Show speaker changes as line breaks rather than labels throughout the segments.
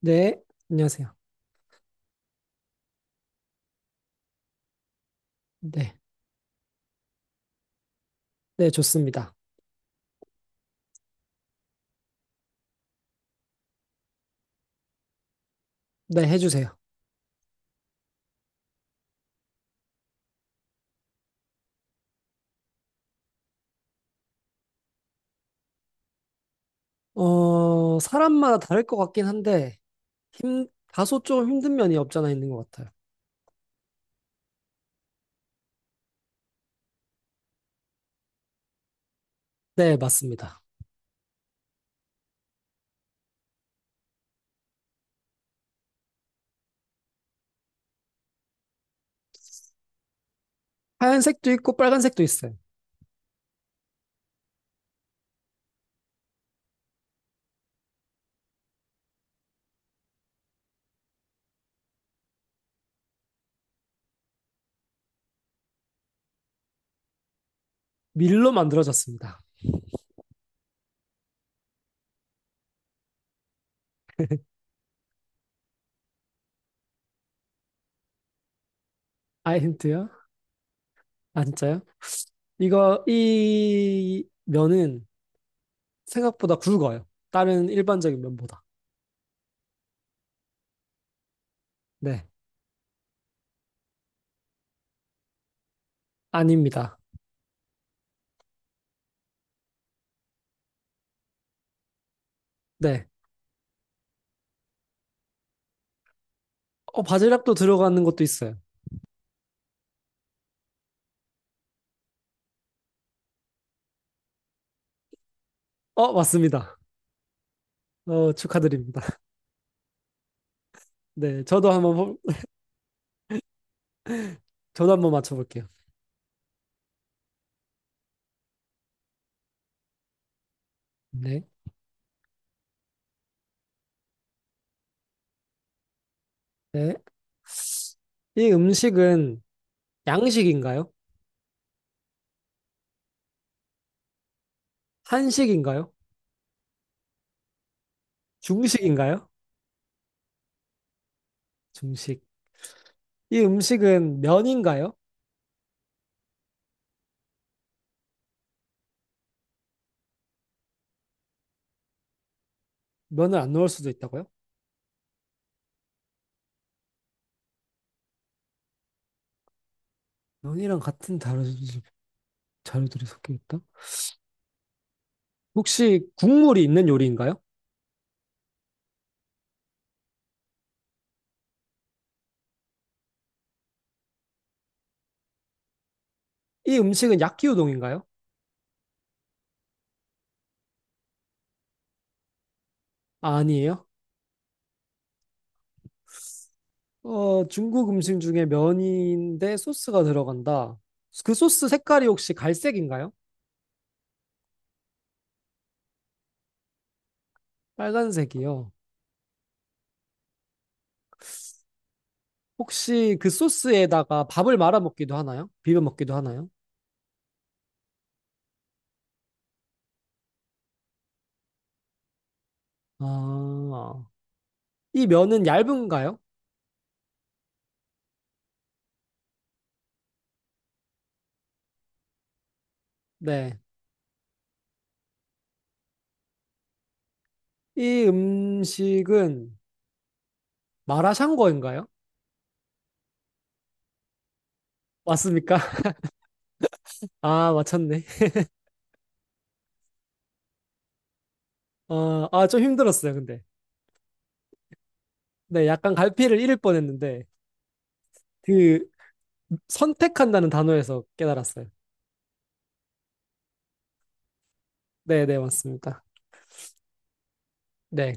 네, 안녕하세요. 네, 네, 좋습니다. 네, 해주세요. 사람마다 다를 것 같긴 한데, 다소 좀 힘든 면이 없잖아 있는 것 같아요. 네, 맞습니다. 하얀색도 있고 빨간색도 있어요. 밀로 만들어졌습니다. 아, 힌트요? 아, 진짜요? 이 면은 생각보다 굵어요. 다른 일반적인 면보다. 네. 아닙니다. 네. 바질락도 들어가는 것도 있어요. 맞습니다. 축하드립니다. 네, 저도 한번 저도 한번 맞춰볼게요. 네. 네. 이 음식은 양식인가요? 한식인가요? 중식인가요? 중식. 이 음식은 면인가요? 면을 안 넣을 수도 있다고요? 면이랑 같은 다른 자료들이 섞여 있다? 혹시 국물이 있는 요리인가요? 이 음식은 야끼우동인가요? 아니에요. 중국 음식 중에 면인데 소스가 들어간다. 그 소스 색깔이 혹시 갈색인가요? 빨간색이요. 혹시 그 소스에다가 밥을 말아 먹기도 하나요? 비벼 먹기도 하나요? 아, 이 면은 얇은가요? 네. 이 음식은 마라샹궈인가요? 맞습니까? 아, 맞췄네. 좀 힘들었어요, 근데. 네, 약간 갈피를 잃을 뻔했는데, 그, 선택한다는 단어에서 깨달았어요. 네, 네, 맞습니다. 네,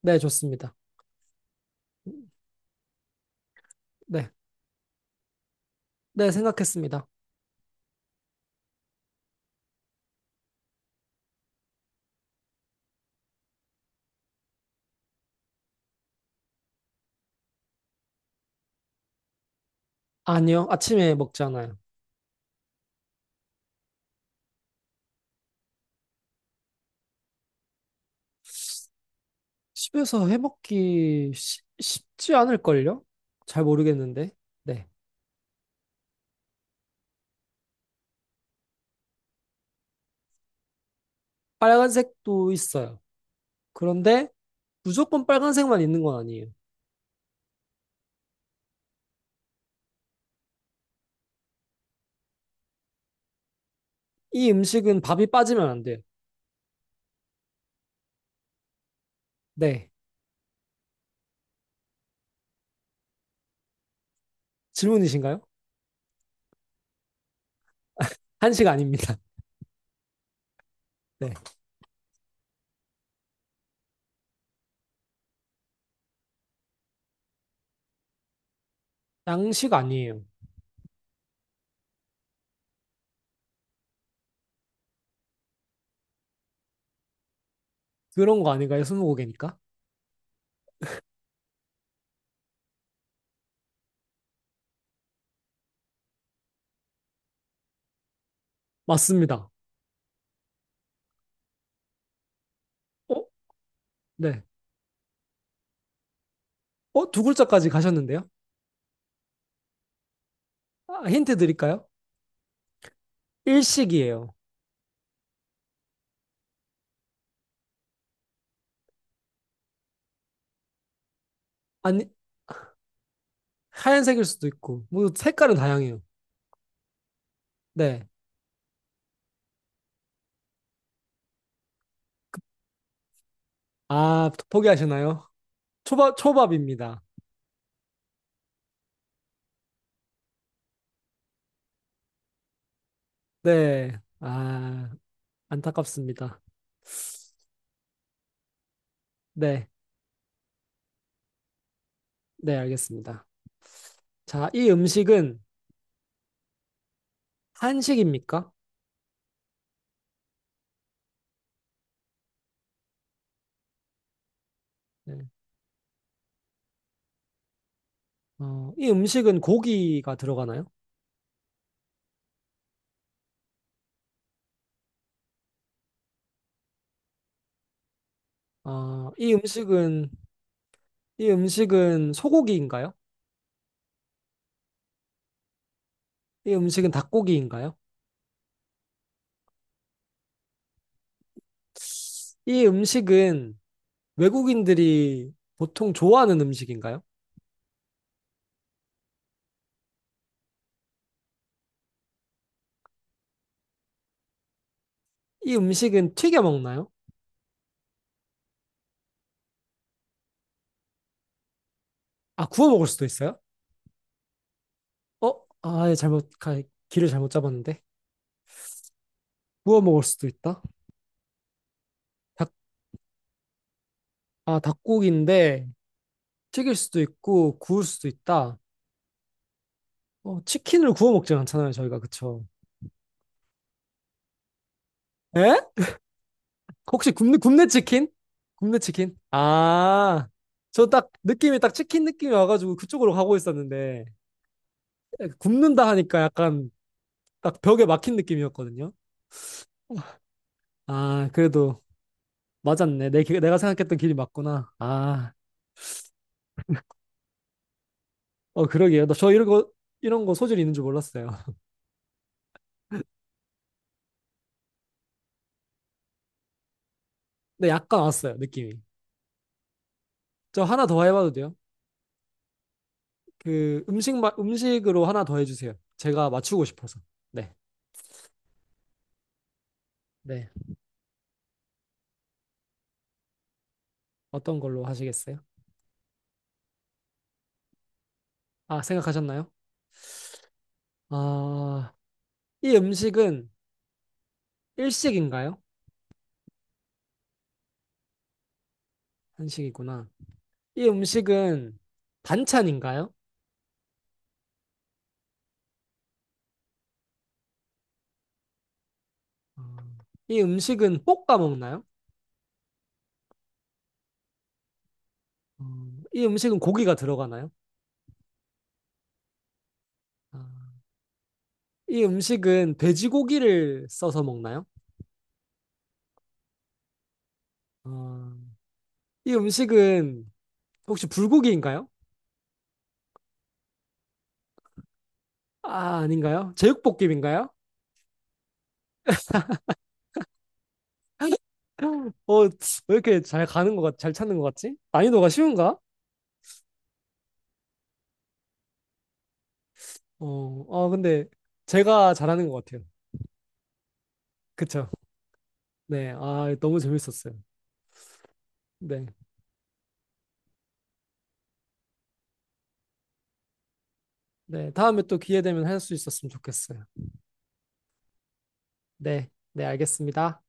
네, 좋습니다. 네, 네, 생각했습니다. 아니요, 아침에 먹잖아요. 집에서 해먹기 쉽지 않을걸요? 잘 모르겠는데. 네, 빨간색도 있어요. 그런데 무조건 빨간색만 있는 건 아니에요. 이 음식은 밥이 빠지면 안 돼요. 네, 질문이신가요? 한식 아닙니다. 네, 양식 아니에요. 그런 거 아닌가요? 스무고개니까? 맞습니다. 어? 네. 어? 두 글자까지 가셨는데요? 아, 힌트 드릴까요? 일식이에요. 아니, 하얀색일 수도 있고, 뭐 색깔은 다양해요. 네. 아, 포기하시나요? 초밥, 초밥입니다. 네. 아, 안타깝습니다. 네. 네, 알겠습니다. 자, 이 음식은 한식입니까? 네. 이 음식은 고기가 들어가나요? 어, 이 음식은, 이 음식은 소고기인가요? 이 음식은 닭고기인가요? 이 음식은 외국인들이 보통 좋아하는 음식인가요? 이 음식은 튀겨 먹나요? 아, 구워 먹을 수도 있어요? 어? 아예 잘못 가, 길을 잘못 잡았는데 구워 먹을 수도 있다. 닭, 아, 닭고기인데 튀길 수도 있고 구울 수도 있다. 치킨을 구워 먹진 않잖아요, 저희가 그쵸? 에? 혹시 굽네 굽네 치킨? 굽네 치킨? 아, 저 딱 느낌이 딱 치킨 느낌이 와가지고 그쪽으로 가고 있었는데 굽는다 하니까 약간 딱 벽에 막힌 느낌이었거든요. 아, 그래도 맞았네. 내가 생각했던 길이 맞구나. 아, 어, 그러게요. 나 저 이런 거 소질이 있는 줄 몰랐어요. 네, 약간 왔어요, 느낌이. 저 하나 더 해봐도 돼요? 음식으로 하나 더 해주세요. 제가 맞추고 싶어서. 네, 네. 어떤 걸로 하시겠어요? 아, 생각하셨나요? 아, 이 음식은 일식인가요? 한식이구나. 이 음식은 반찬인가요? 어, 이 음식은 볶아 먹나요? 어, 이 음식은 고기가 들어가나요? 아, 이 음식은 돼지고기를 써서 먹나요? 어, 이 음식은 혹시 불고기인가요? 아, 아닌가요? 제육볶음인가요? 왜 이렇게 잘 찾는 것 같지? 난이도가 쉬운가? 어, 근데 제가 잘하는 것 같아요. 그쵸? 네, 아, 너무 재밌었어요. 네, 네, 다음에 또 기회 되면 할 수 있었으면 좋겠어요. 네, 네, 알겠습니다.